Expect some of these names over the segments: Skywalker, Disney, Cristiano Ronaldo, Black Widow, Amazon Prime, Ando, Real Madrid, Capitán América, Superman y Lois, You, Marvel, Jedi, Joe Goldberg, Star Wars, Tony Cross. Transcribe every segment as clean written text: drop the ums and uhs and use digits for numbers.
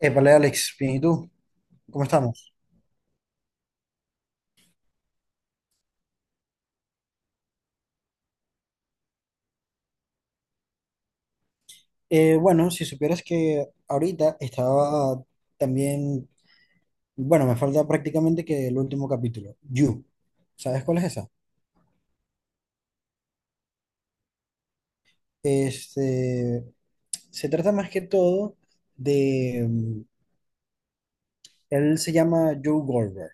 Épale, Alex, bien, ¿y tú? ¿Cómo estamos? Bueno, si supieras que ahorita estaba también, bueno, me falta prácticamente que el último capítulo, You. ¿Sabes cuál es esa? Este, se trata más que todo de él se llama Joe Goldberg.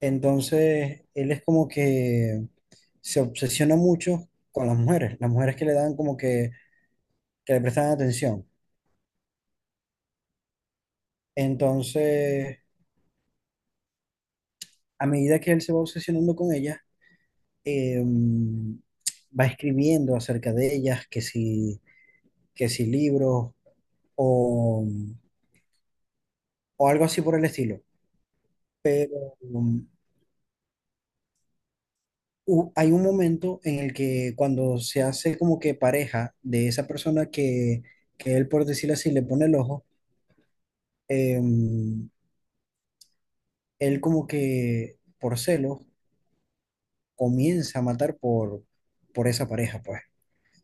Entonces, él es como que se obsesiona mucho con las mujeres que le dan como que le prestan atención. Entonces, a medida que él se va obsesionando con ellas, eh, va escribiendo acerca de ellas, que si libros o, o algo así por el estilo. Pero hay un momento en el que cuando se hace como que pareja de esa persona que él, por decirlo así, le pone el ojo, em, él como que por celos comienza a matar por esa pareja, pues.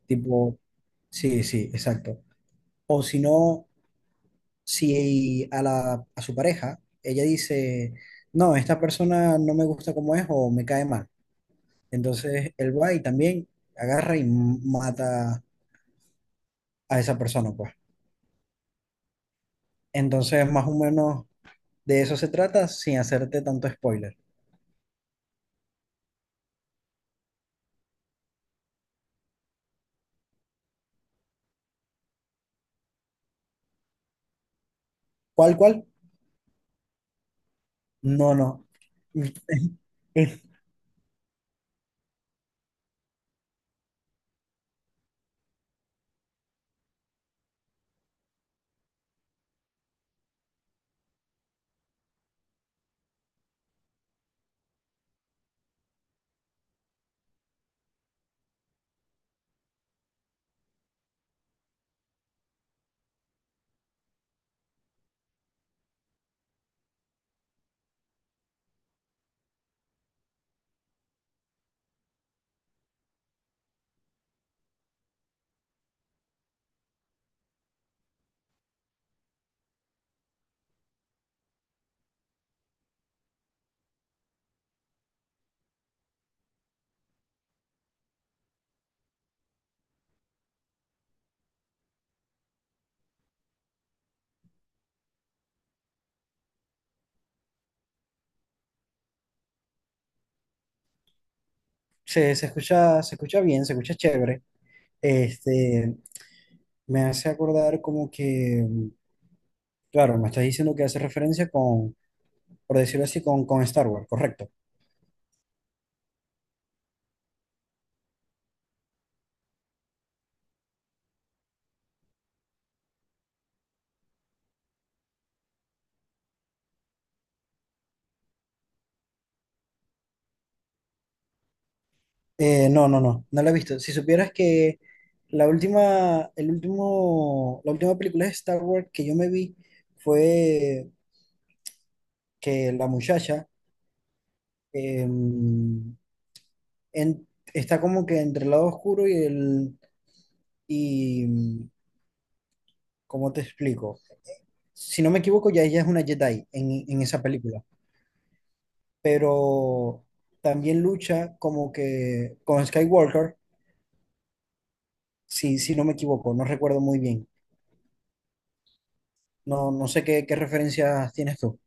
Tipo, sí, sí, exacto. O si no, si a la, a su pareja ella dice, no, esta persona no me gusta como es o me cae mal, entonces él va y también agarra y mata a esa persona, pues. Entonces, más o menos de eso se trata sin hacerte tanto spoiler. ¿Cuál, cuál? No, no. Mm, Eh, Se, se escucha bien, se escucha chévere. Este, me hace acordar como que, claro, me estás diciendo que hace referencia con, por decirlo así, con Star Wars, correcto. No, no, no, no la he visto. Si supieras que la última, el último, la última película de Star Wars que yo me vi fue que la muchacha eh, en- está como que entre el lado oscuro y el, y ¿cómo te explico? Si no me equivoco, ya ella es una Jedi en esa película, pero también lucha como que con Skywalker, si, si no me equivoco, no recuerdo muy bien. No, no sé qué, qué referencias tienes tú.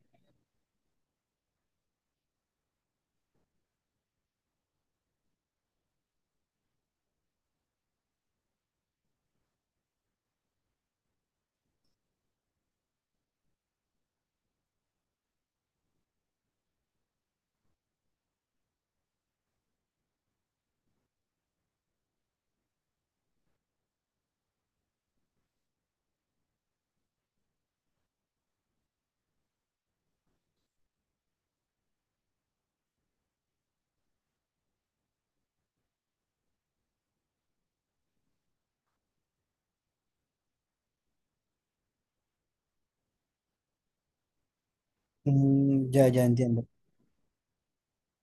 Mm, ya, ya entiendo.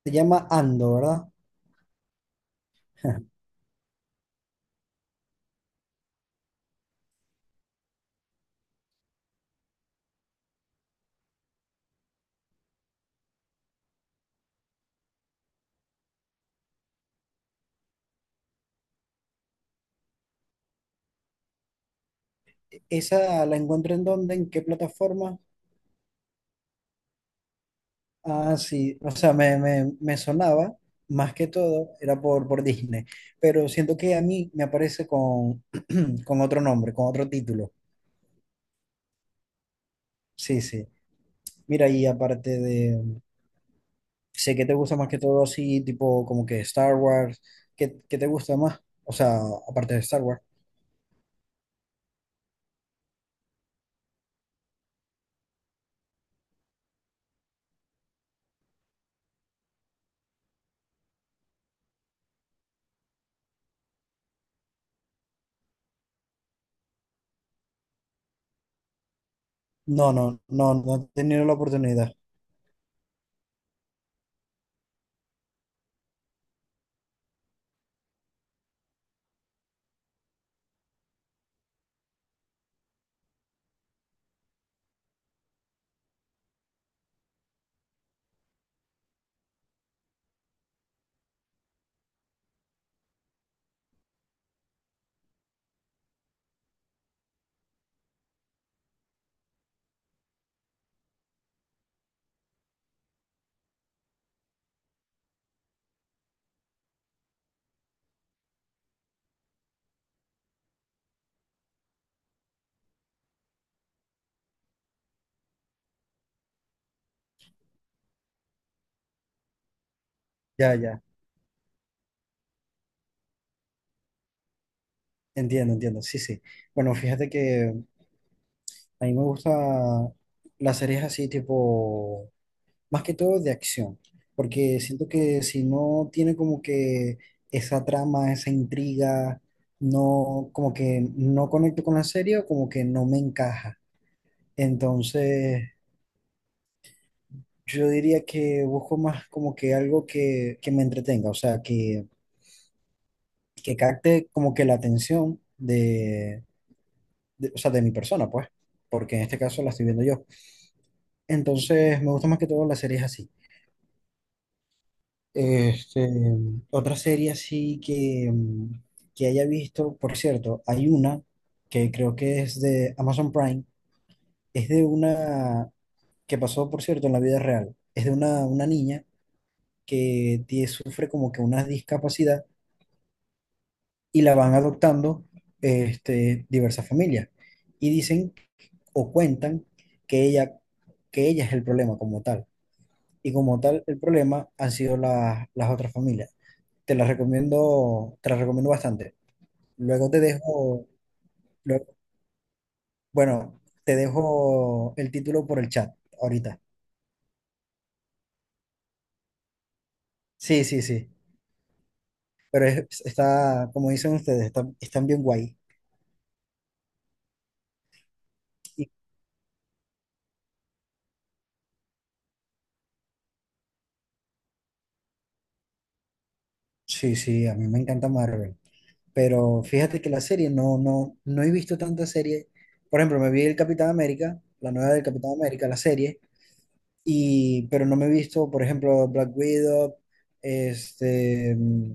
Se llama Ando, ¿verdad? ¿Esa la encuentro en dónde? ¿En qué plataforma? Ah, sí, o sea, me sonaba, más que todo, era por Disney, pero siento que a mí me aparece con otro nombre, con otro título. Sí, sí. Mira, y aparte de, sé que te gusta más que todo así, tipo como que Star Wars, ¿qué, qué te gusta más? O sea, aparte de Star Wars. No, no, no, no he tenido la oportunidad. Ya, ya. Entiendo, entiendo, sí, sí. Bueno, fíjate que a mí me gusta las series así tipo, más que todo de acción, porque siento que si no tiene como que esa trama, esa intriga, no, como que no conecto con la serie o como que no me encaja. Entonces, yo diría que busco más como que algo que me entretenga, o sea, que capte como que la atención de- o sea, de mi persona, pues, porque en este caso la estoy viendo yo. Entonces, me gusta más que todo las series así. Este, otra serie así que que haya visto, por cierto, hay una que creo que es de Amazon Prime, es de una que pasó, por cierto, en la vida real. Es de una niña que tie- sufre como que una discapacidad y la van adoptando este, diversas familias. Y dicen o cuentan que ella, que ella es el problema como tal y como tal el problema han sido las otras familias. Te las recomiendo bastante. Luego te dejo, luego- bueno, te dejo el título por el chat ahorita. Sí, sí, sí. Pero es- está, como dicen ustedes, está- están bien guay. Y- sí, sí, a mí me encanta Marvel. Pero fíjate que la serie no, no, no he visto tanta serie. Por ejemplo, me vi el Capitán América, la nueva del Capitán América, la serie, Y, pero no me he visto, por ejemplo, Black Widow, este, mm,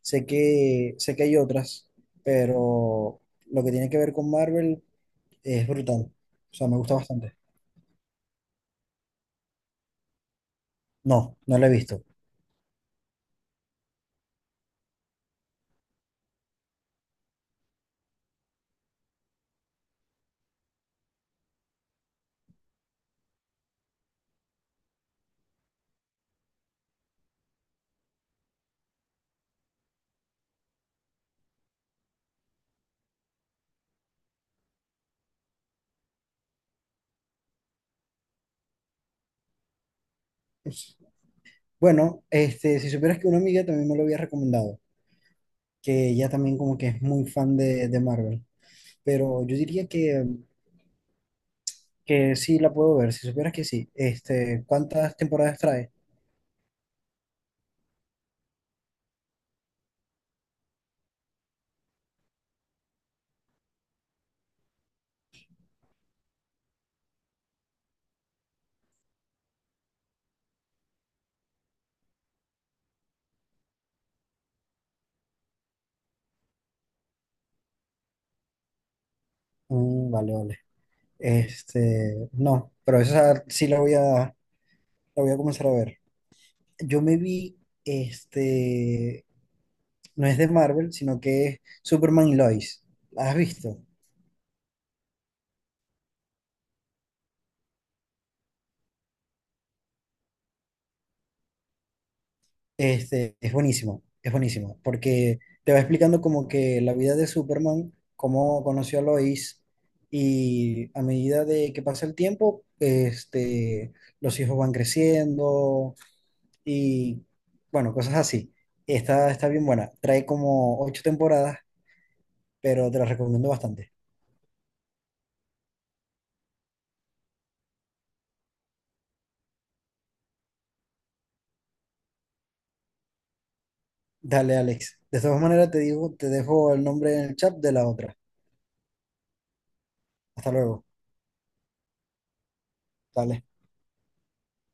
sé que hay otras, pero lo que tiene que ver con Marvel es brutal. O sea, me gusta bastante. No, no la he visto. Pues, bueno, este, si supieras que una amiga también me lo había recomendado, que ella también como que es muy fan de Marvel, pero yo diría que sí la puedo ver, si supieras que sí. Este, ¿cuántas temporadas trae? Mm, vale, vale. Este, no, pero esa sí la voy a comenzar a ver. Yo me vi, este, no es de Marvel, sino que es Superman y Lois. ¿La has visto? Este, es buenísimo, porque te va explicando como que la vida de Superman, cómo conoció a Lois, y a medida de que pasa el tiempo, este, los hijos van creciendo y, bueno, cosas así. Está, está bien buena. Trae como 8 temporadas pero te la recomiendo bastante. Dale, Alex. De todas maneras, te digo, te dejo el nombre en el chat de la otra. Hasta luego. Dale.